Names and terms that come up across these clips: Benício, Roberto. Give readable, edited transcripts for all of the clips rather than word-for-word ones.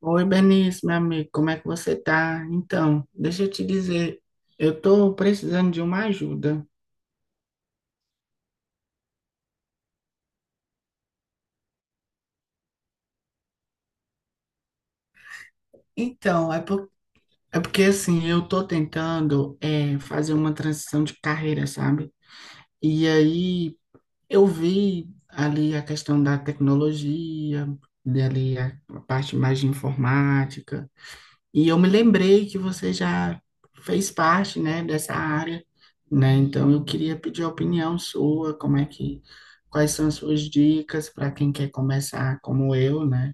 Oi, Benício, meu amigo, como é que você tá? Então, deixa eu te dizer, eu tô precisando de uma ajuda. Então, é porque assim, eu tô tentando fazer uma transição de carreira, sabe? E aí eu vi ali a questão da tecnologia, dali a parte mais de informática. E eu me lembrei que você já fez parte, né, dessa área, né? Então eu queria pedir a opinião sua, como é que, quais são as suas dicas para quem quer começar como eu, né?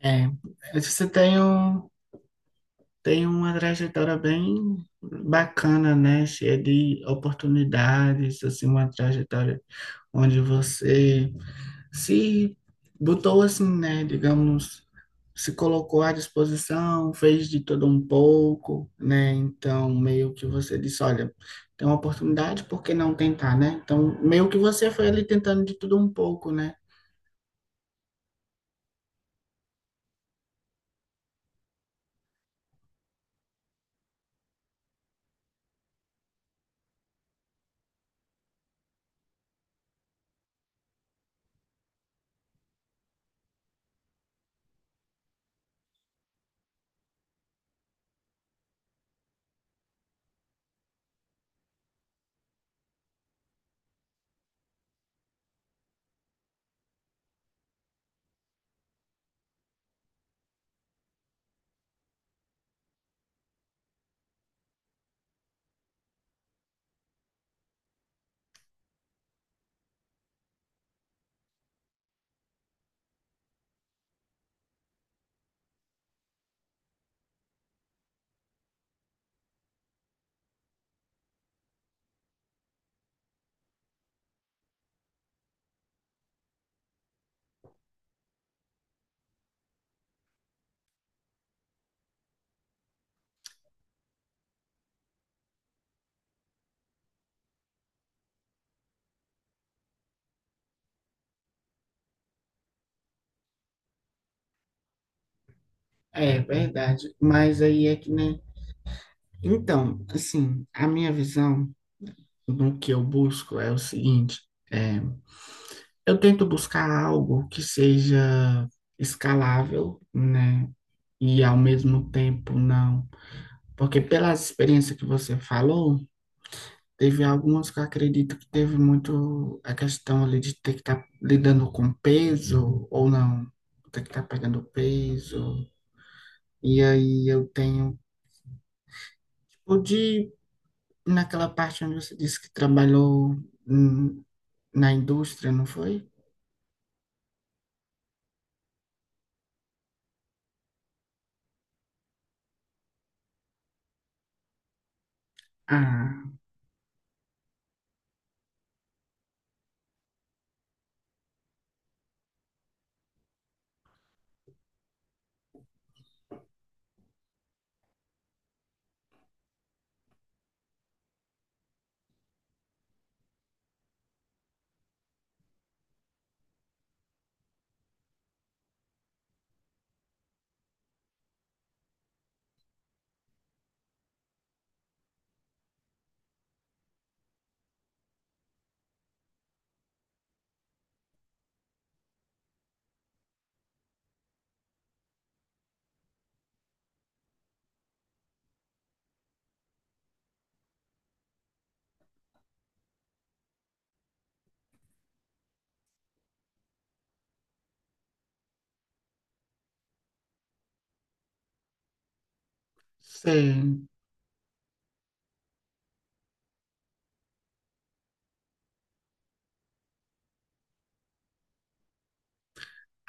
É, você tem um, tem uma trajetória bem bacana, né? Cheia de oportunidades, assim, uma trajetória onde você se botou assim, né, digamos, se colocou à disposição, fez de todo um pouco, né? Então, meio que você disse, olha, tem uma oportunidade, por que não tentar, né? Então, meio que você foi ali tentando de tudo um pouco, né? É, é verdade. Mas aí é que, né? Então, assim, a minha visão do que eu busco é o seguinte, é, eu tento buscar algo que seja escalável, né? E ao mesmo tempo não. Porque pela experiência que você falou, teve algumas que eu acredito que teve muito a questão ali de ter que estar lidando com peso ou não, ter que estar pegando peso. E aí eu tenho, tipo, de, naquela parte onde você disse que trabalhou hum, na indústria, não foi? Ah. Sei.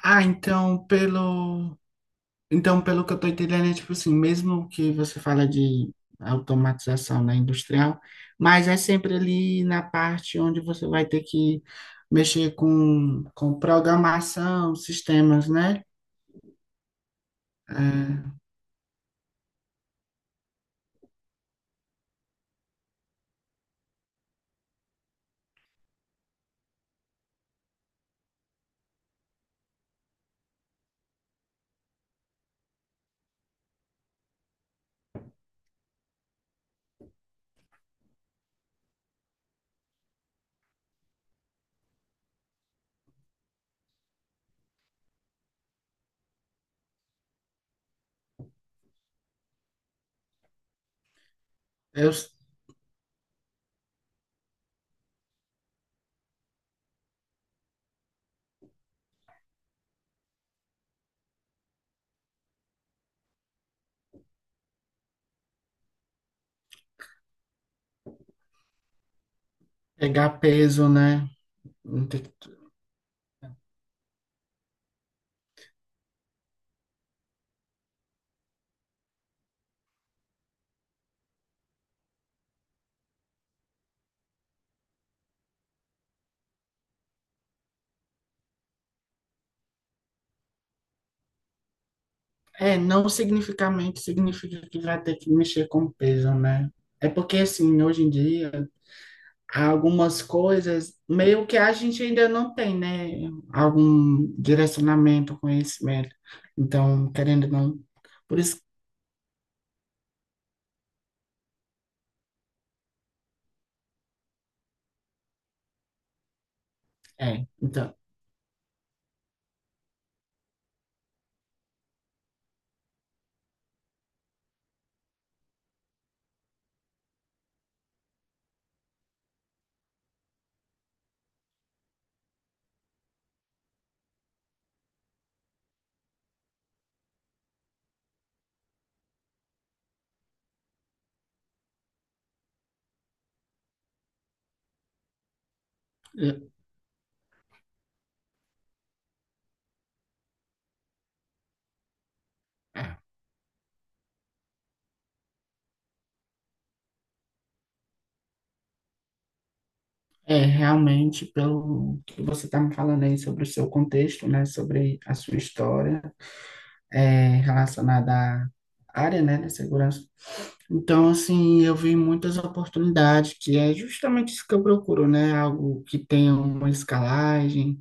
Ah, então pelo que eu tô entendendo, é tipo assim, mesmo que você fala de automatização na industrial, mas é sempre ali na parte onde você vai ter que mexer com programação, sistemas, né? É, eu s- pegar peso, né? Não ter que- É, não significamente significa que vai ter que mexer com peso, né? É porque assim, hoje em dia algumas coisas, meio que a gente ainda não tem, né? Algum direcionamento, conhecimento. Então, querendo ou não, por isso, é, então, eu- é, realmente, pelo que você está me falando aí sobre o seu contexto, né? Sobre a sua história, é, relacionada à área, né, da segurança. Então, assim, eu vi muitas oportunidades, que é justamente isso que eu procuro, né? Algo que tenha uma escalagem,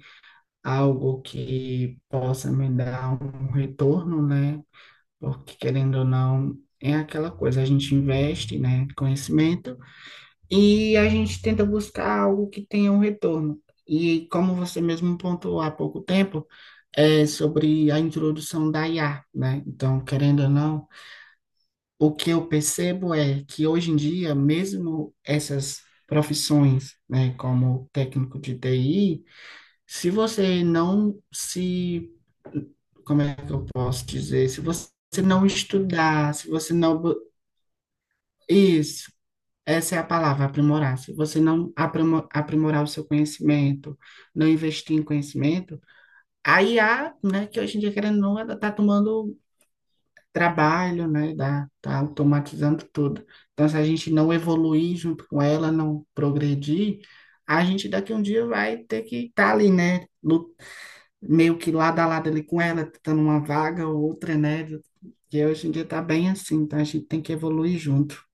algo que possa me dar um retorno, né? Porque querendo ou não, é aquela coisa, a gente investe, né, conhecimento e a gente tenta buscar algo que tenha um retorno. E como você mesmo pontuou há pouco tempo, é sobre a introdução da IA, né? Então, querendo ou não, o que eu percebo é que hoje em dia, mesmo essas profissões, né, como técnico de TI, se você não se, como é que eu posso dizer? Se você não estudar, se você não, bu- isso, essa é a palavra, aprimorar. Se você não aprimorar o seu conhecimento, não investir em conhecimento, a IA, né, que hoje em dia, querendo ou não, ela está tomando trabalho, né, da, tá automatizando tudo. Então, se a gente não evoluir junto com ela, não progredir, a gente daqui um dia vai ter que estar ali, né, meio que lado a lado ali com ela, tentando uma vaga ou outra, né? E hoje em dia tá bem assim, tá? A gente tem que evoluir junto.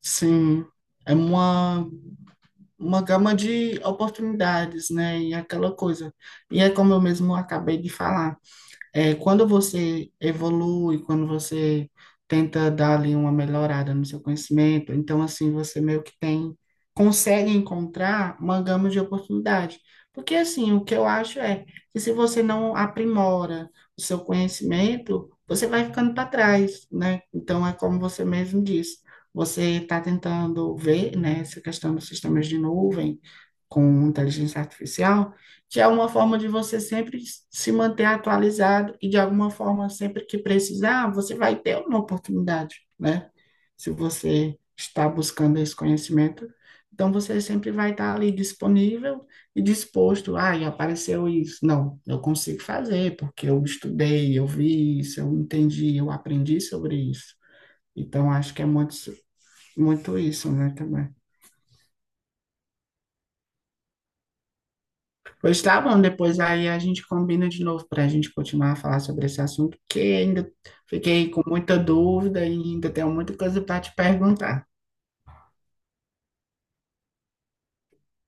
Sim, é uma gama de oportunidades, né? E aquela coisa. E é como eu mesmo acabei de falar. É, quando você evolui, quando você tenta dar ali uma melhorada no seu conhecimento, então assim você meio que tem, consegue encontrar uma gama de oportunidade. Porque assim, o que eu acho é que se você não aprimora o seu conhecimento, você vai ficando para trás, né? Então é como você mesmo disse, você está tentando ver, né, essa questão dos sistemas de nuvem com inteligência artificial que é uma forma de você sempre se manter atualizado e de alguma forma, sempre que precisar, você vai ter uma oportunidade, né? Se você está buscando esse conhecimento, então você sempre vai estar ali disponível e disposto. Ah, e apareceu isso. Não, eu consigo fazer, porque eu estudei, eu vi isso, eu entendi, eu aprendi sobre isso. Então, acho que é muito, muito isso, né, também. Pois tá bom, depois aí a gente combina de novo para a gente continuar a falar sobre esse assunto, que ainda fiquei com muita dúvida e ainda tenho muita coisa para te perguntar.